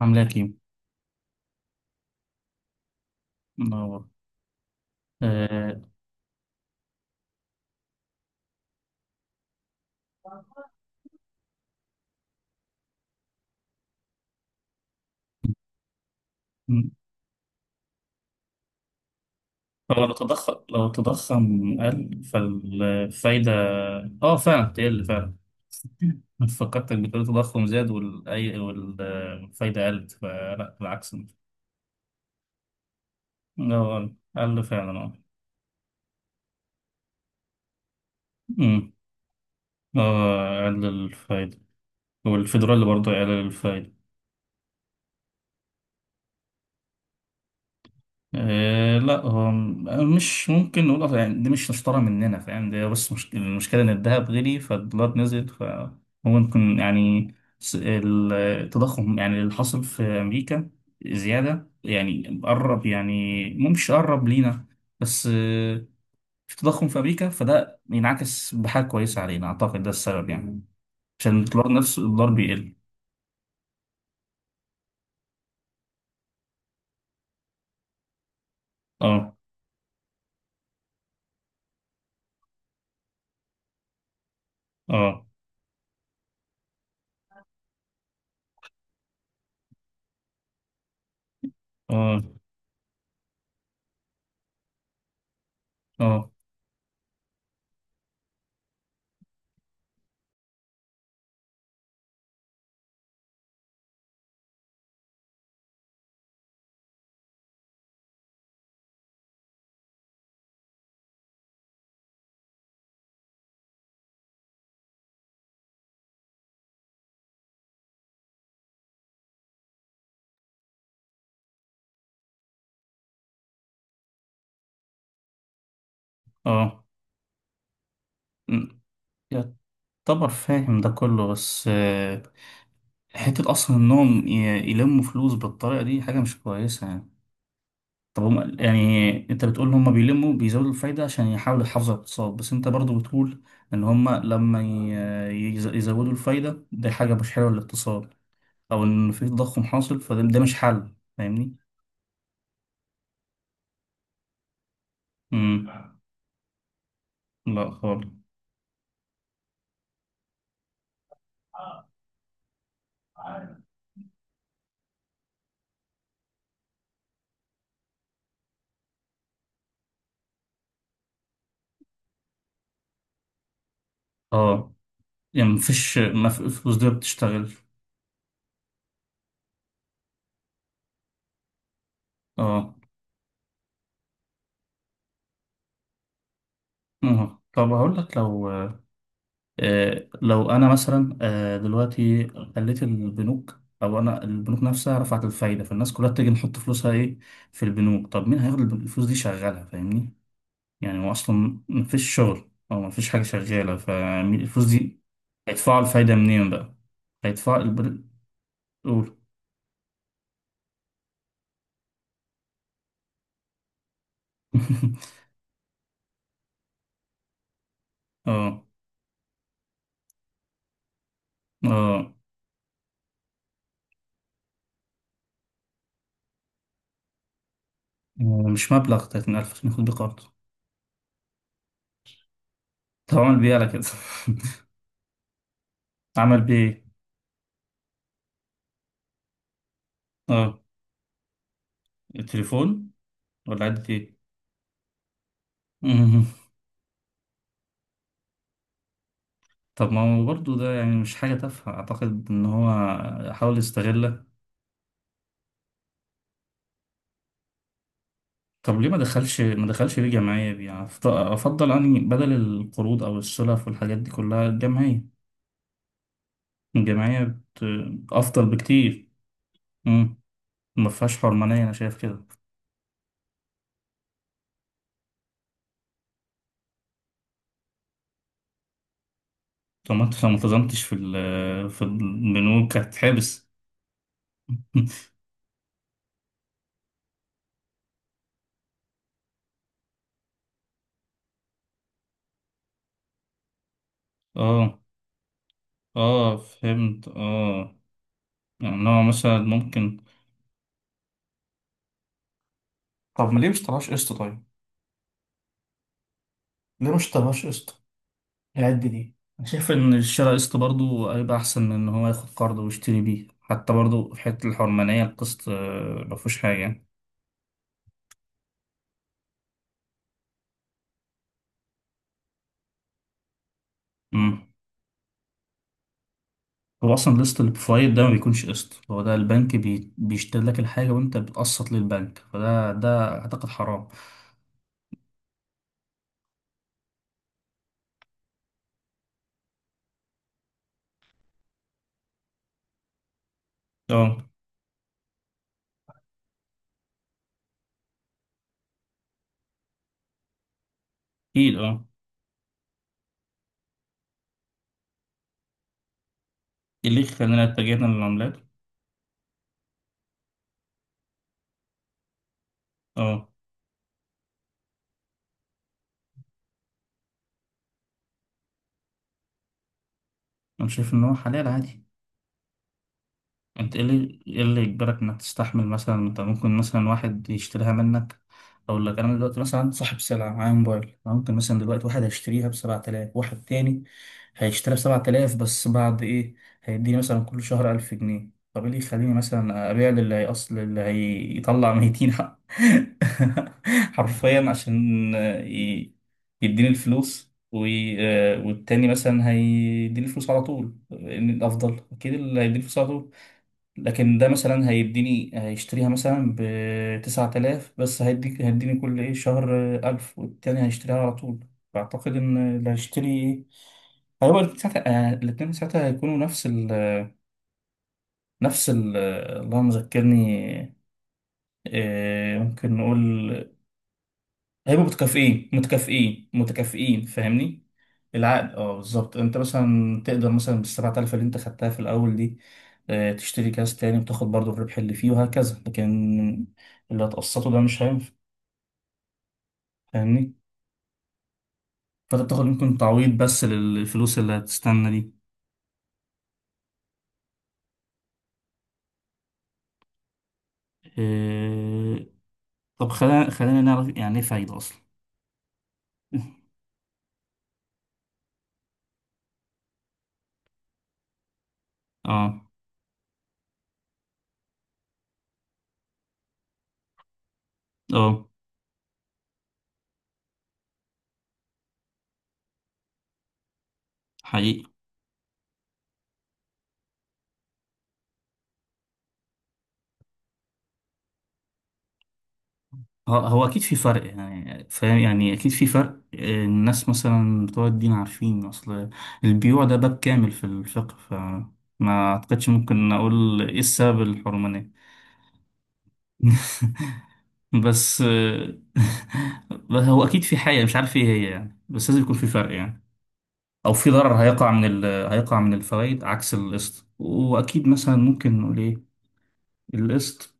عاملة كيمو. منور. آه. م- هو لو تضخم قل فالفايدة. اه، فعلا بتقل فعلا. فكرتك بتقول التضخم زاد والفايدة قلت، فلا بالعكس. هو قل قل فعلا. اه. أمم، اه، قل الفايدة. والفيدرالي برضه قل الفايدة. آه، لا، هو مش ممكن نقول أصلاً. يعني دي مش مشترى مننا، فاهم ده. بس مش المشكلة إن الذهب غلي فالدولار نزل، فممكن يعني التضخم يعني اللي حصل في أمريكا زيادة، يعني قرب. يعني مش قرب لينا. بس في تضخم في أمريكا، فده ينعكس بحاجة كويسة علينا. أعتقد ده السبب يعني، عشان الدولار نفسه الدولار بيقل. اه. اه. اه. اه. اه. طبعا فاهم ده كله، بس حتة أصلا إنهم يلموا فلوس بالطريقة دي حاجة مش كويسة يعني. طب هم يعني، أنت بتقول إن هم بيزودوا الفايدة عشان يحاولوا يحافظوا على الاقتصاد، بس أنت برضو بتقول إن هم لما يزودوا الفايدة دي حاجة مش حلوة للاقتصاد. أو إن في تضخم حاصل، فده مش حل، فاهمني؟ امم. لا خالص. اه، يعني مفيش، ما في الفلوس دي بتشتغل. اه. آه. طب هقول لك لو انا مثلا دلوقتي خليت البنوك، او انا البنوك نفسها رفعت الفايده، فالناس كلها تيجي نحط فلوسها ايه في البنوك. طب مين هياخد الفلوس دي يشغلها، فاهمني؟ يعني هو اصلا مفيش شغل او مفيش حاجه شغاله فالفلوس دي. هيدفعوا الفايده منين بقى؟ هيدفعوا البن... قول. اه. اه. مش مبلغ 30000 عشان ياخد بيه قرض. طب عمل بيه على كده؟ عمل بيه ايه؟ اه. التليفون ولا عدت ايه؟ طب ما هو برضه ده يعني مش حاجة تافهة، أعتقد إن هو حاول يستغلها. طب ليه ما دخلش ليه جمعية بيه؟ يعني أفضل أني بدل القروض أو السلف والحاجات دي كلها الجمعية. الجمعية بت... أفضل بكتير. مم. ما فيهاش حرمانية، أنا شايف كده. طب ما أنت لو ما التزمتش في البنوك هتتحبس. اه. اه، فهمت. اه. يعني إن هو مثلا ممكن. طب ما ليه مش طلعش قسط طيب؟ ليه مش طلعش قسط؟ هيأدي ليه؟ أنا شايف إن الشراء قسط برضه هيبقى أحسن من إن هو ياخد قرض ويشتري بيه، حتى برضه في حتة الحرمانية، القسط مفهوش حاجة يعني. مم. هو أصلا القسط اللي بفوايد ده ما بيكونش قسط، هو ده البنك بيشتري لك الحاجة وأنت بتقسط للبنك، فده أعتقد حرام. أه، أكيد. أه. إيه اللي يخلينا اتجاهنا للعملات؟ أه، أنا شايف إن هو حلال عادي. انت ايه اللي يجبرك انك تستحمل مثلا؟ انت ممكن مثلا واحد يشتريها منك. اقول لك، انا دلوقتي مثلا صاحب سلعه، معايا موبايل. أنا ممكن مثلا دلوقتي واحد هيشتريها ب 7000، واحد تاني هيشتريها ب 7000 بس بعد ايه، هيديني مثلا كل شهر 1000 جنيه. طب ايه اللي يخليني مثلا ابيع للي هيأصل اللي هيطلع 200 حرفيا، عشان ي- يديني الفلوس، والتاني مثلا هيديني الفلوس على طول. إن الافضل اكيد اللي هيديني الفلوس على طول. لكن ده مثلا هيشتريها مثلا ب 9000، بس هيديني كل شهر 1000، والتاني هيشتريها على طول. فأعتقد إن اللي هيشتري هو ساعتها، الاتنين ساعتها هيكونوا نفس ال، اللهم ذكرني. ممكن نقول هيبقوا متكافئين متكافئين متكافئين، فاهمني؟ العقد. اه، بالظبط. انت مثلا تقدر مثلا بال 7000 اللي انت خدتها في الاول دي تشتري كاس تاني، وتاخد برضو الربح اللي فيه وهكذا. لكن اللي هتقسطه ده مش هينفع، فاهمني؟ فانت بتاخد يمكن تعويض بس للفلوس اللي هتستنى دي. آه، طب خلينا نعرف يعني ايه فايدة اصلا. اه. اه. حقيقي. هو اكيد في فرق يعني، فاهم؟ يعني اكيد في فرق. الناس مثلا بتوع الدين عارفين. اصل البيوع ده باب كامل في الفقه، فما اعتقدش ممكن اقول ايه السبب الحرمانية. بس بس هو اكيد في حاجة مش عارف ايه هي يعني، بس لازم يكون في فرق يعني، او في ضرر هيقع من الفوائد عكس القسط. واكيد مثلا ممكن نقول ايه القسط.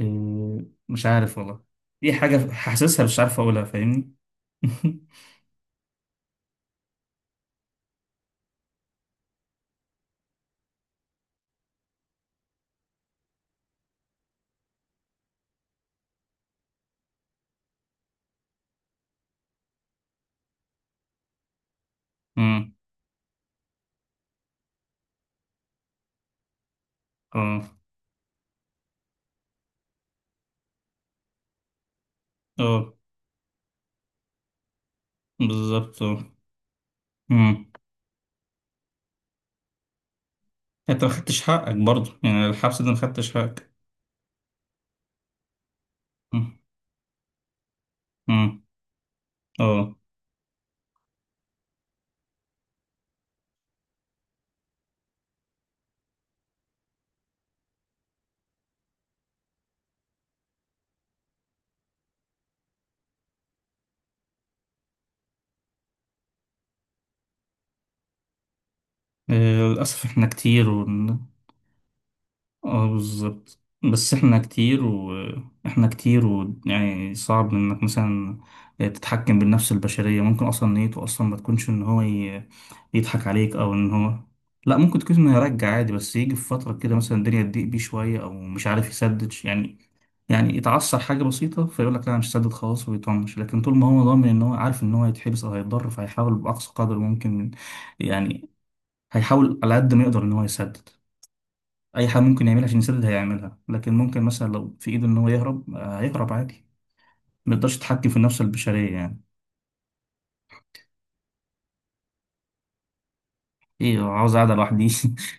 آه، مش عارف والله. دي حاجة حاسسها مش عارف اقولها، فاهمني؟ امم. اه. اه، بالظبط. اه. امم. انت ما خدتش حقك برضه يعني، الحبس ده ما خدتش حقك. امم. امم. اه. آه، للأسف احنا كتير اه، بالظبط. بس احنا كتير واحنا كتير، ويعني صعب انك مثلا تتحكم بالنفس البشرية. ممكن اصلا نيته اصلا ما تكونش ان هو يضحك عليك او ان هو. لا، ممكن تكون انه يرجع عادي، بس يجي في فترة كده مثلا الدنيا تضيق بيه شوية او مش عارف يسدد يعني. يعني يتعثر حاجة بسيطة فيقول لك، لا أنا مش سدد خلاص، ويطنش. لكن طول ما هو ضامن ان هو عارف ان هو هيتحبس او هيتضر، فهيحاول باقصى قدر ممكن يعني، هيحاول على قد ما يقدر ان هو يسدد. اي حاجه ممكن يعملها عشان يسدد هيعملها. لكن ممكن مثلا لو في ايده ان هو يهرب هيهرب عادي. ما يقدرش يتحكم في النفس البشريه يعني. ايه، هو عاوز قاعده لوحدي؟